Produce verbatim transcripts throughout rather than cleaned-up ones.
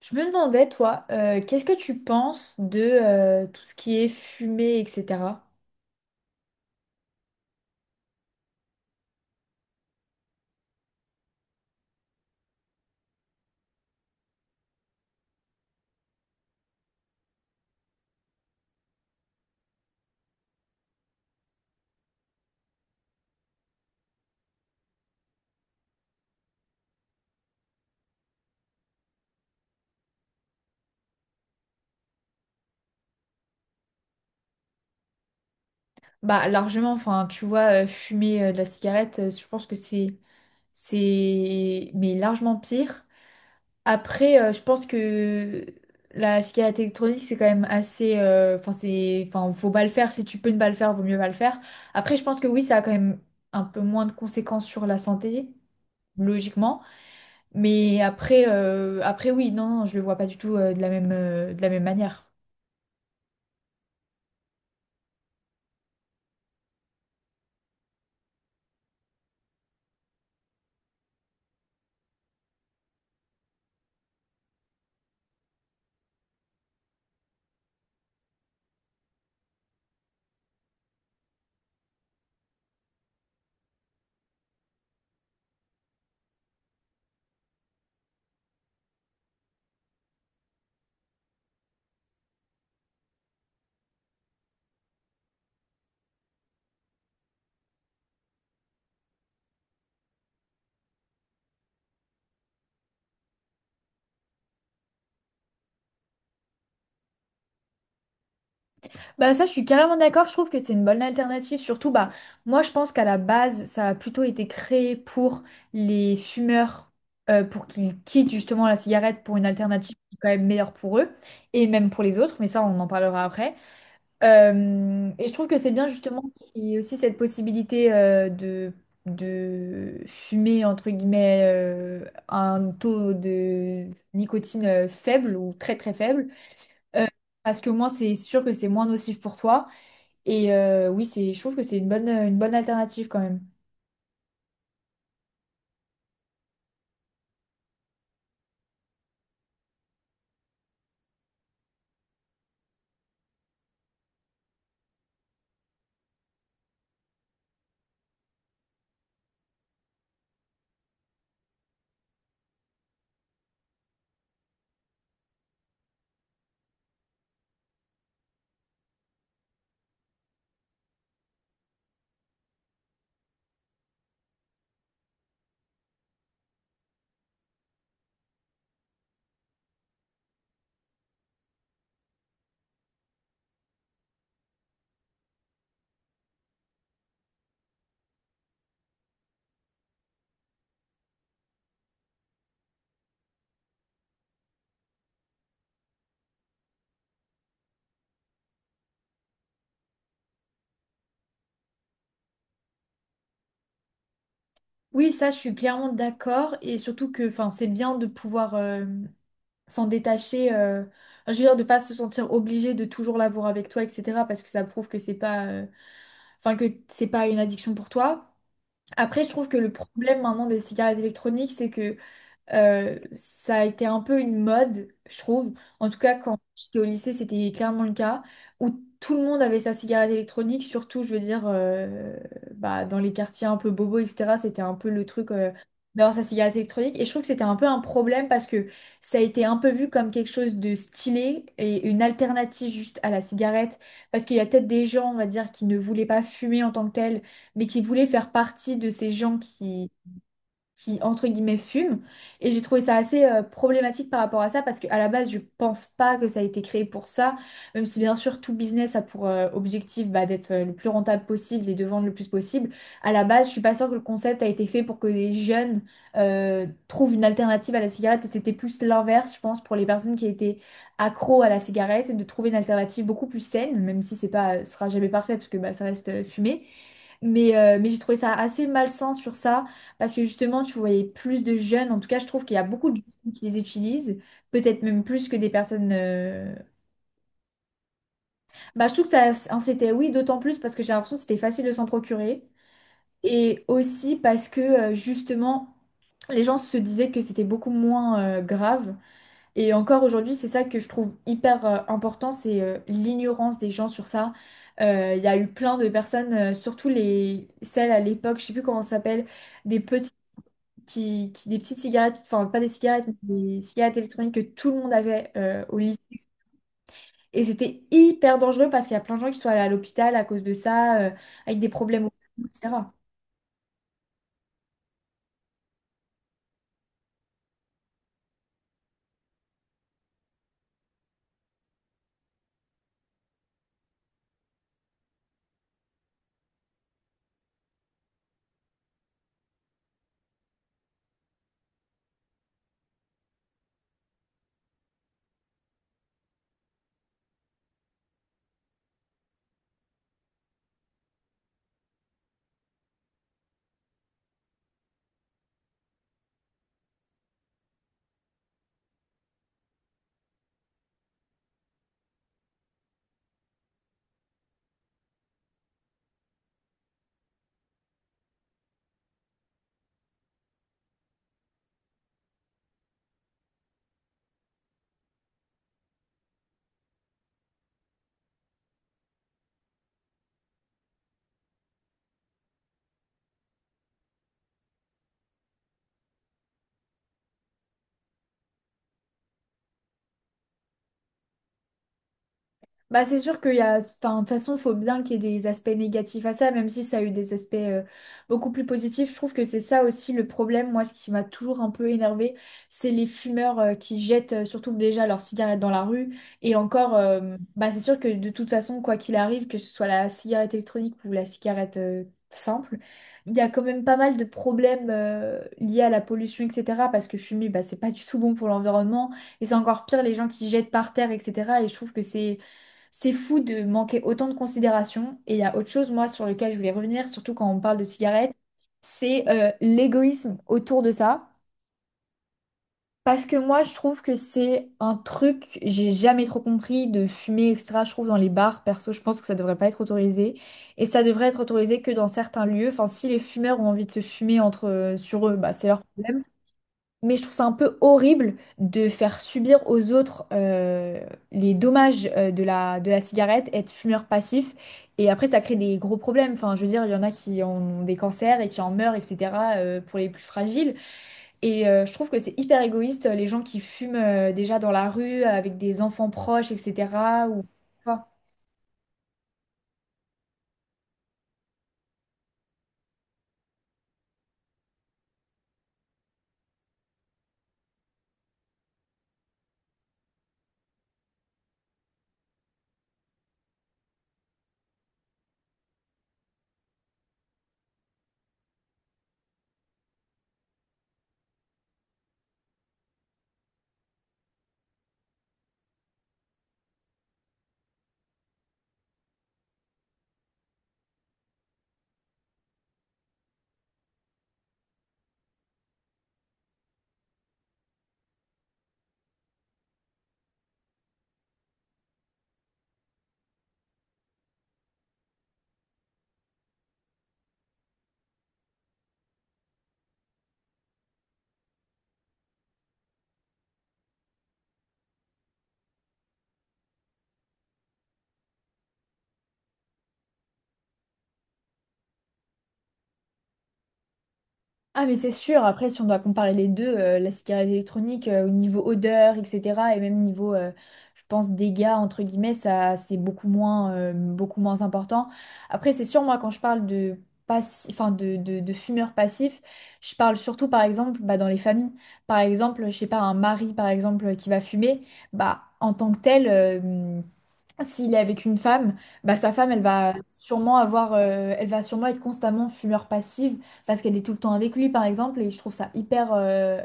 Je me demandais, toi, euh, qu'est-ce que tu penses de euh, tout ce qui est fumée, et cetera. Bah, largement, enfin, tu vois, euh, fumer euh, de la cigarette, euh, je pense que c'est, c'est, mais largement pire. Après, euh, je pense que la cigarette électronique, c'est quand même assez, euh, enfin, c'est, enfin, faut pas le faire. Si tu peux ne pas le faire, vaut mieux pas le faire. Après, je pense que oui, ça a quand même un peu moins de conséquences sur la santé, logiquement. Mais après, euh, après oui, non, non, je le vois pas du tout euh, de la même, euh, de la même manière. Bah ça, je suis carrément d'accord, je trouve que c'est une bonne alternative. Surtout, bah, moi, je pense qu'à la base, ça a plutôt été créé pour les fumeurs, euh, pour qu'ils quittent justement la cigarette pour une alternative qui est quand même meilleure pour eux, et même pour les autres, mais ça, on en parlera après. Euh, et je trouve que c'est bien justement qu'il y ait aussi cette possibilité euh, de, de fumer, entre guillemets, euh, un taux de nicotine euh, faible ou très très faible. Euh, parce qu'au moins c'est sûr que c'est moins nocif pour toi. Et euh, oui, c'est, je trouve que c'est une bonne, une bonne alternative quand même. Oui, ça, je suis clairement d'accord. Et surtout que enfin, c'est bien de pouvoir euh, s'en détacher. Euh, je veux dire, de pas se sentir obligé de toujours l'avoir avec toi, et cetera. Parce que ça prouve que c'est pas… enfin que c'est pas une addiction pour toi. Après, je trouve que le problème maintenant des cigarettes électroniques, c'est que euh, ça a été un peu une mode, je trouve. En tout cas, quand j'étais au lycée, c'était clairement le cas, où tout le monde avait sa cigarette électronique, surtout, je veux dire, euh, bah, dans les quartiers un peu bobos, et cetera. C'était un peu le truc euh, d'avoir sa cigarette électronique. Et je trouve que c'était un peu un problème parce que ça a été un peu vu comme quelque chose de stylé et une alternative juste à la cigarette. Parce qu'il y a peut-être des gens, on va dire, qui ne voulaient pas fumer en tant que tel, mais qui voulaient faire partie de ces gens qui qui, entre guillemets, fument. Et j'ai trouvé ça assez euh, problématique par rapport à ça, parce qu'à la base, je pense pas que ça a été créé pour ça, même si bien sûr, tout business a pour euh, objectif bah, d'être euh, le plus rentable possible et de vendre le plus possible. À la base, je suis pas sûre que le concept a été fait pour que des jeunes euh, trouvent une alternative à la cigarette, et c'était plus l'inverse, je pense, pour les personnes qui étaient accros à la cigarette, de trouver une alternative beaucoup plus saine, même si c'est pas, ce sera jamais parfait, parce que bah, ça reste euh, fumé. Mais, euh, mais j'ai trouvé ça assez malsain sur ça. Parce que justement, tu voyais plus de jeunes, en tout cas, je trouve qu'il y a beaucoup de jeunes qui les utilisent, peut-être même plus que des personnes… euh, bah, je trouve que ça, c'était oui, d'autant plus parce que j'ai l'impression que c'était facile de s'en procurer. Et aussi parce que, euh, justement, les gens se disaient que c'était beaucoup moins euh, grave. Et encore aujourd'hui, c'est ça que je trouve hyper euh, important, c'est euh, l'ignorance des gens sur ça. Euh, Il y a eu plein de personnes, euh, surtout les… celles à l'époque, je sais plus comment ça s'appelle, des petits qui, qui- des petites cigarettes, enfin pas des cigarettes, mais des cigarettes électroniques que tout le monde avait euh, au lycée. Et c'était hyper dangereux parce qu'il y a plein de gens qui sont allés à l'hôpital à cause de ça, euh, avec des problèmes au cou, et cetera. Bah, c'est sûr qu'il y a, enfin, de toute façon, il faut bien qu'il y ait des aspects négatifs à ça, même si ça a eu des aspects euh, beaucoup plus positifs. Je trouve que c'est ça aussi le problème. Moi, ce qui m'a toujours un peu énervée, c'est les fumeurs euh, qui jettent euh, surtout déjà leur cigarette dans la rue. Et encore, euh, bah, c'est sûr que de toute façon, quoi qu'il arrive, que ce soit la cigarette électronique ou la cigarette euh, simple, il y a quand même pas mal de problèmes euh, liés à la pollution, et cetera. Parce que fumer, bah, c'est pas du tout bon pour l'environnement. Et c'est encore pire les gens qui jettent par terre, et cetera. Et je trouve que c'est c'est fou de manquer autant de considération. Et il y a autre chose, moi, sur lequel je voulais revenir, surtout quand on parle de cigarettes, c'est euh, l'égoïsme autour de ça. Parce que moi, je trouve que c'est un truc, j'ai jamais trop compris de fumer extra, je trouve, dans les bars. Perso, je pense que ça devrait pas être autorisé. Et ça devrait être autorisé que dans certains lieux. Enfin, si les fumeurs ont envie de se fumer entre, euh, sur eux, bah, c'est leur mais je trouve ça un peu horrible de faire subir aux autres euh, les dommages euh, de la, de la cigarette, être fumeur passif, et après ça crée des gros problèmes. Enfin, je veux dire, il y en a qui ont des cancers et qui en meurent, et cetera, euh, pour les plus fragiles. Et euh, je trouve que c'est hyper égoïste, les gens qui fument euh, déjà dans la rue, avec des enfants proches, et cetera. Ou… Ah mais c'est sûr, après si on doit comparer les deux, euh, la cigarette électronique euh, au niveau odeur, et cetera et même niveau, euh, je pense, dégâts, entre guillemets, ça c'est beaucoup moins, euh, beaucoup moins important. Après c'est sûr, moi quand je parle de, passi- enfin, de, de, de fumeurs passifs, je parle surtout par exemple bah, dans les familles. Par exemple, je sais pas, un mari par exemple qui va fumer, bah en tant que tel… euh, s'il est avec une femme, bah, sa femme, elle va sûrement avoir, euh, elle va sûrement être constamment fumeur passive parce qu'elle est tout le temps avec lui, par exemple. Et je trouve ça hyper, euh,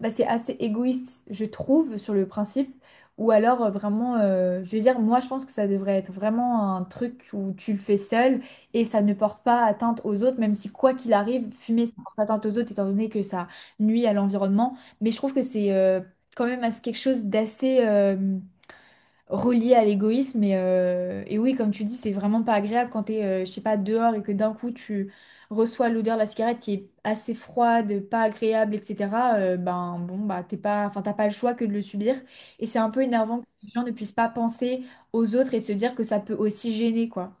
bah, c'est assez égoïste, je trouve, sur le principe. Ou alors euh, vraiment, euh, je veux dire, moi, je pense que ça devrait être vraiment un truc où tu le fais seul et ça ne porte pas atteinte aux autres, même si quoi qu'il arrive, fumer, ça porte atteinte aux autres, étant donné que ça nuit à l'environnement. Mais je trouve que c'est euh, quand même assez- quelque chose d'assez euh, relié à l'égoïsme. Et, euh, et oui, comme tu dis, c'est vraiment pas agréable quand t'es, euh, je sais pas, dehors et que d'un coup tu reçois l'odeur de la cigarette qui est assez froide, pas agréable, et cetera euh, ben bon, bah t'es pas, enfin t'as pas le choix que de le subir. Et c'est un peu énervant que les gens ne puissent pas penser aux autres et de se dire que ça peut aussi gêner, quoi.